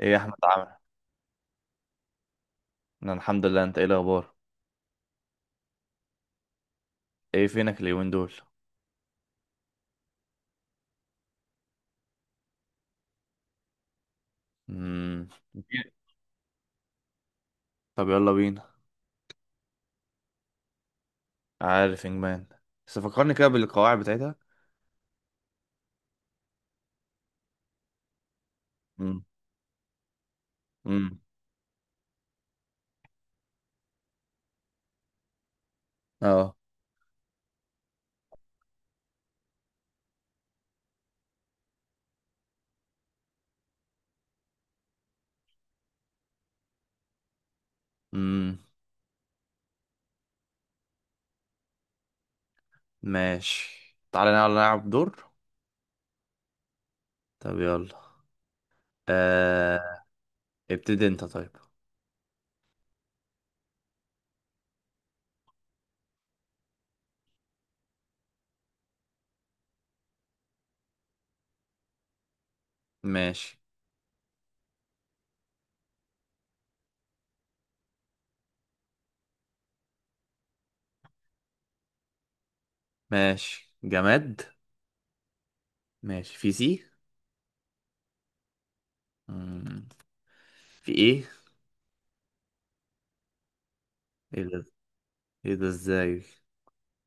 ايه يا احمد، عامل؟ انا الحمد لله، انت ايه الاخبار؟ ايه فينك اليومين دول؟ امم طب يلا بينا. عارف انجمان، بس فكرني كده بالقواعد بتاعتها. امم امم اه امم ماشي، تعالى نلعب دور. طب يلا. آه... ابتدي انت طيب. ماشي ماشي جماد. ماشي، في سي؟ امم في ايه؟ ايه ده؟ ايه ده ازاي؟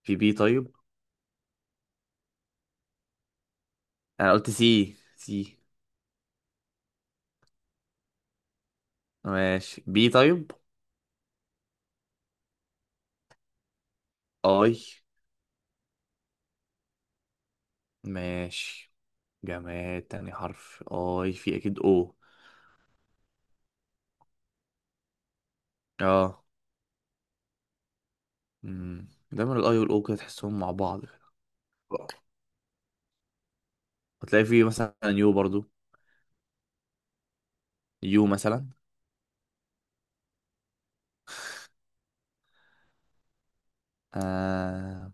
في بي طيب. انا قلت سي سي. ماشي، بي طيب. اي. ماشي، جماد تاني حرف اي، في اكيد او. اه. دايما الاي والاو كده تحسهم مع بعض كده. هتلاقي فيه مثلا يو برضو. يو مثلا. آه،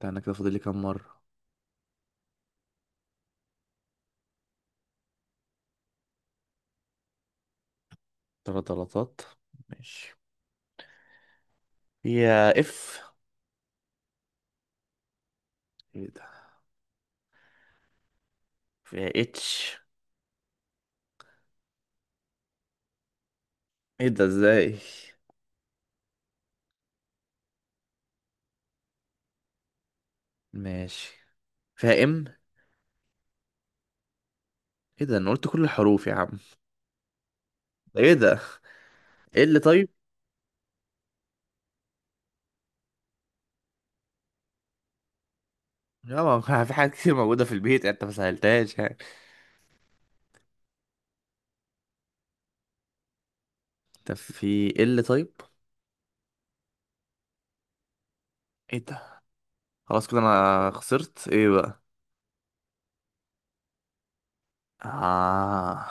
ده انا كده فاضل لي كام مرة؟ 3 غلطات. ماشي، فيها اف؟ ايه ده؟ فيها اتش؟ ايه ده ازاي؟ ماشي، فيها ام؟ ايه ده؟ انا قلت كل الحروف يا عم، ده ايه ده؟ ايه اللي طيب؟ يا ما في حاجات كتير موجودة في البيت يعني، انت ما سهلتهاش يعني. طب في ال طيب؟ ايه ده؟ خلاص كده انا خسرت. ايه بقى؟ آه.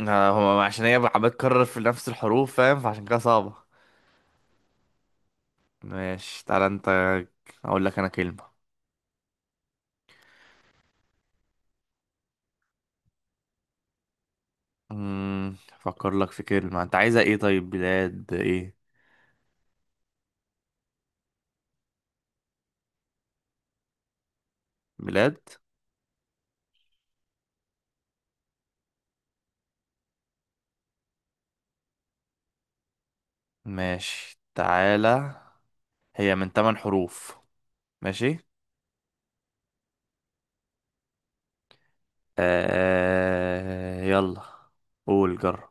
آه، هو عشان هي عمال تكرر في نفس الحروف فاهم، فعشان كده صعبة. ماشي، تعالى انت. اقول لك انا كلمة. افكر لك في كلمة. انت عايزة ايه طيب؟ بلاد ايه؟ بلاد ماشي. تعالى، هي من 8 حروف. ماشي. آه يلا. قول جرب.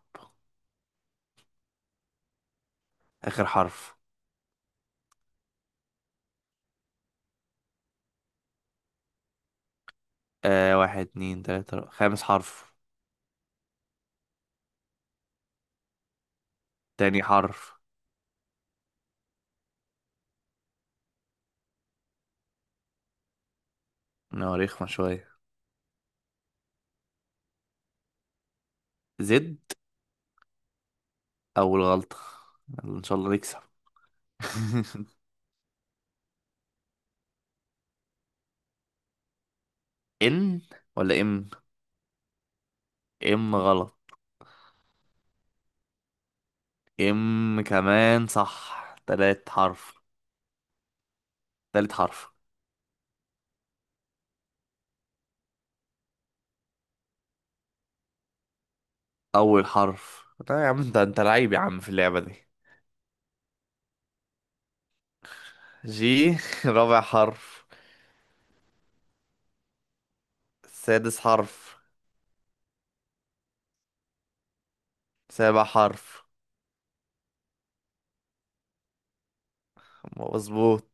اخر حرف. آه، واحد اتنين تلاتة أربعة. خامس حرف. تاني حرف. نواريخ ما شوية. زد. اول غلطة. يلا ان شاء الله نكسب. ان ولا ام؟ ام غلط. ام كمان صح، تلات حرف. تالت حرف. اول حرف. لا يا عم، انت لعيب يا عم في اللعبة دي. جي؟ رابع حرف. سادس حرف. سابع حرف. مظبوط.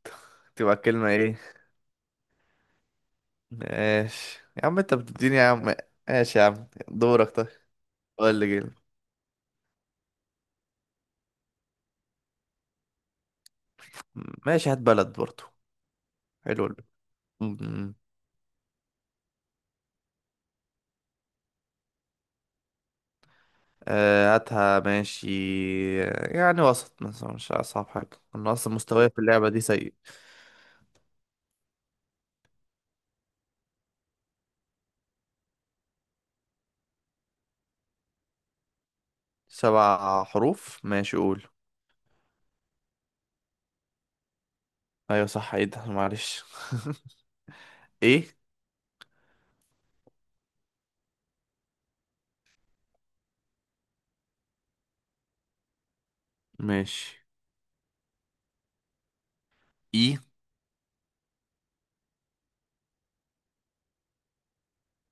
تبقى كلمة ايه؟ ماشي يا عم، انت بتديني يا عم. ماشي يا عم، دورك طيب. قول لي جيل. ماشي، هات بلد برضو. حلو. آه، هاتها ماشي. يعني وسط مثلا، مش أصعب حاجة، أنا أصلا مستواي في اللعبة دي سيء. 7 حروف ماشي، قول. أيوة صح، إيه ده؟ معلش. إيه؟ ماشي. إي.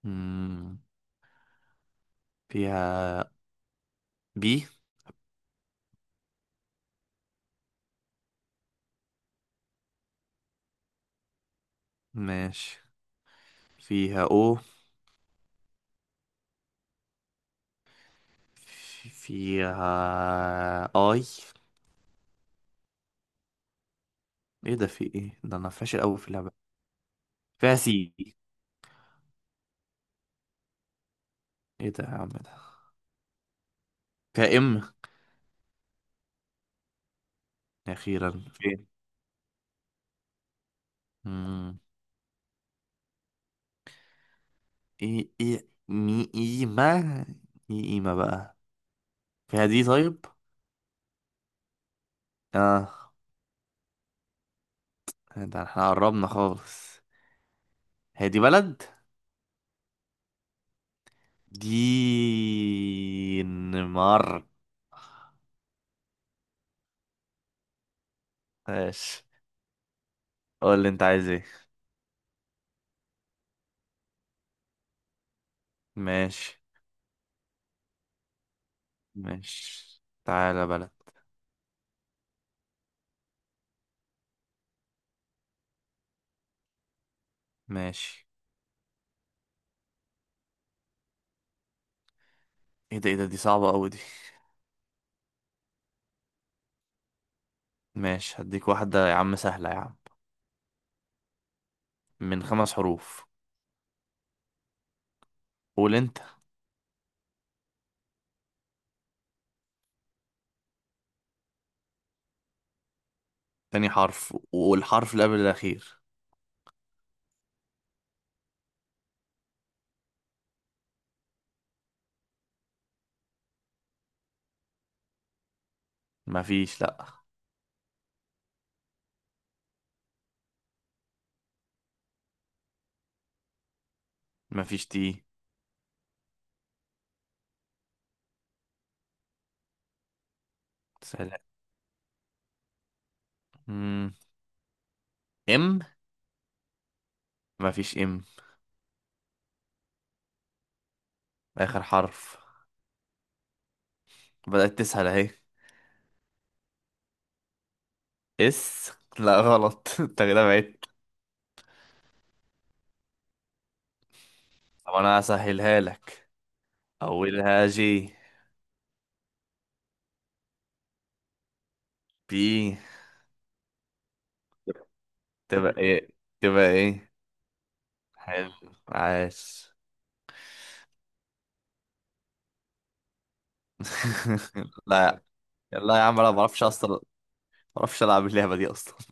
مم. فيها بي؟ ماشي. فيها أو؟ فيها أي؟ إيه ده؟ في إيه ده؟ أنا فاشل أوي في اللعبة. فيها سي؟ إيه ده يا عم ده؟ فيها إم؟ أخيرا. فين؟ ايه ايه مي ايما. ايه ايما بقى. فيها دي طيب؟ اه. ده احنا قربنا خالص. هي دي بلد؟ دينمارك. ماشي. قول اللي انت عايز ايه. ماشي. ماشي تعالى، بلد. ماشي. ايه ده؟ ايه ده؟ دي صعبة قوي دي. ماشي، هديك واحدة يا عم سهلة يا عم. من 5 حروف. قول انت. تاني حرف والحرف اللي قبل الاخير. مفيش، لا. مفيش تي. سهلة. امم ام. مفيش ام. اخر حرف. بدأت تسهل اهي. اس؟ لا غلط. انت كده بعدت. طب انا هسهلها لك. اولها جي. بي. تبقى ايه؟ تبقى ايه؟ حلو. عاش. لا، لا يا عم، انا ما بعرفش اصلا، ما بعرفش العب اللعبه دي اصلا.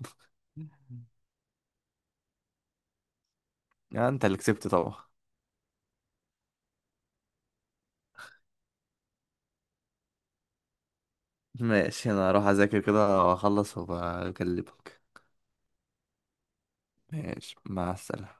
يعني انت اللي كسبت طبعا. ماشي، انا هروح اذاكر كده واخلص وبكلمك. ماشي مع السلامه.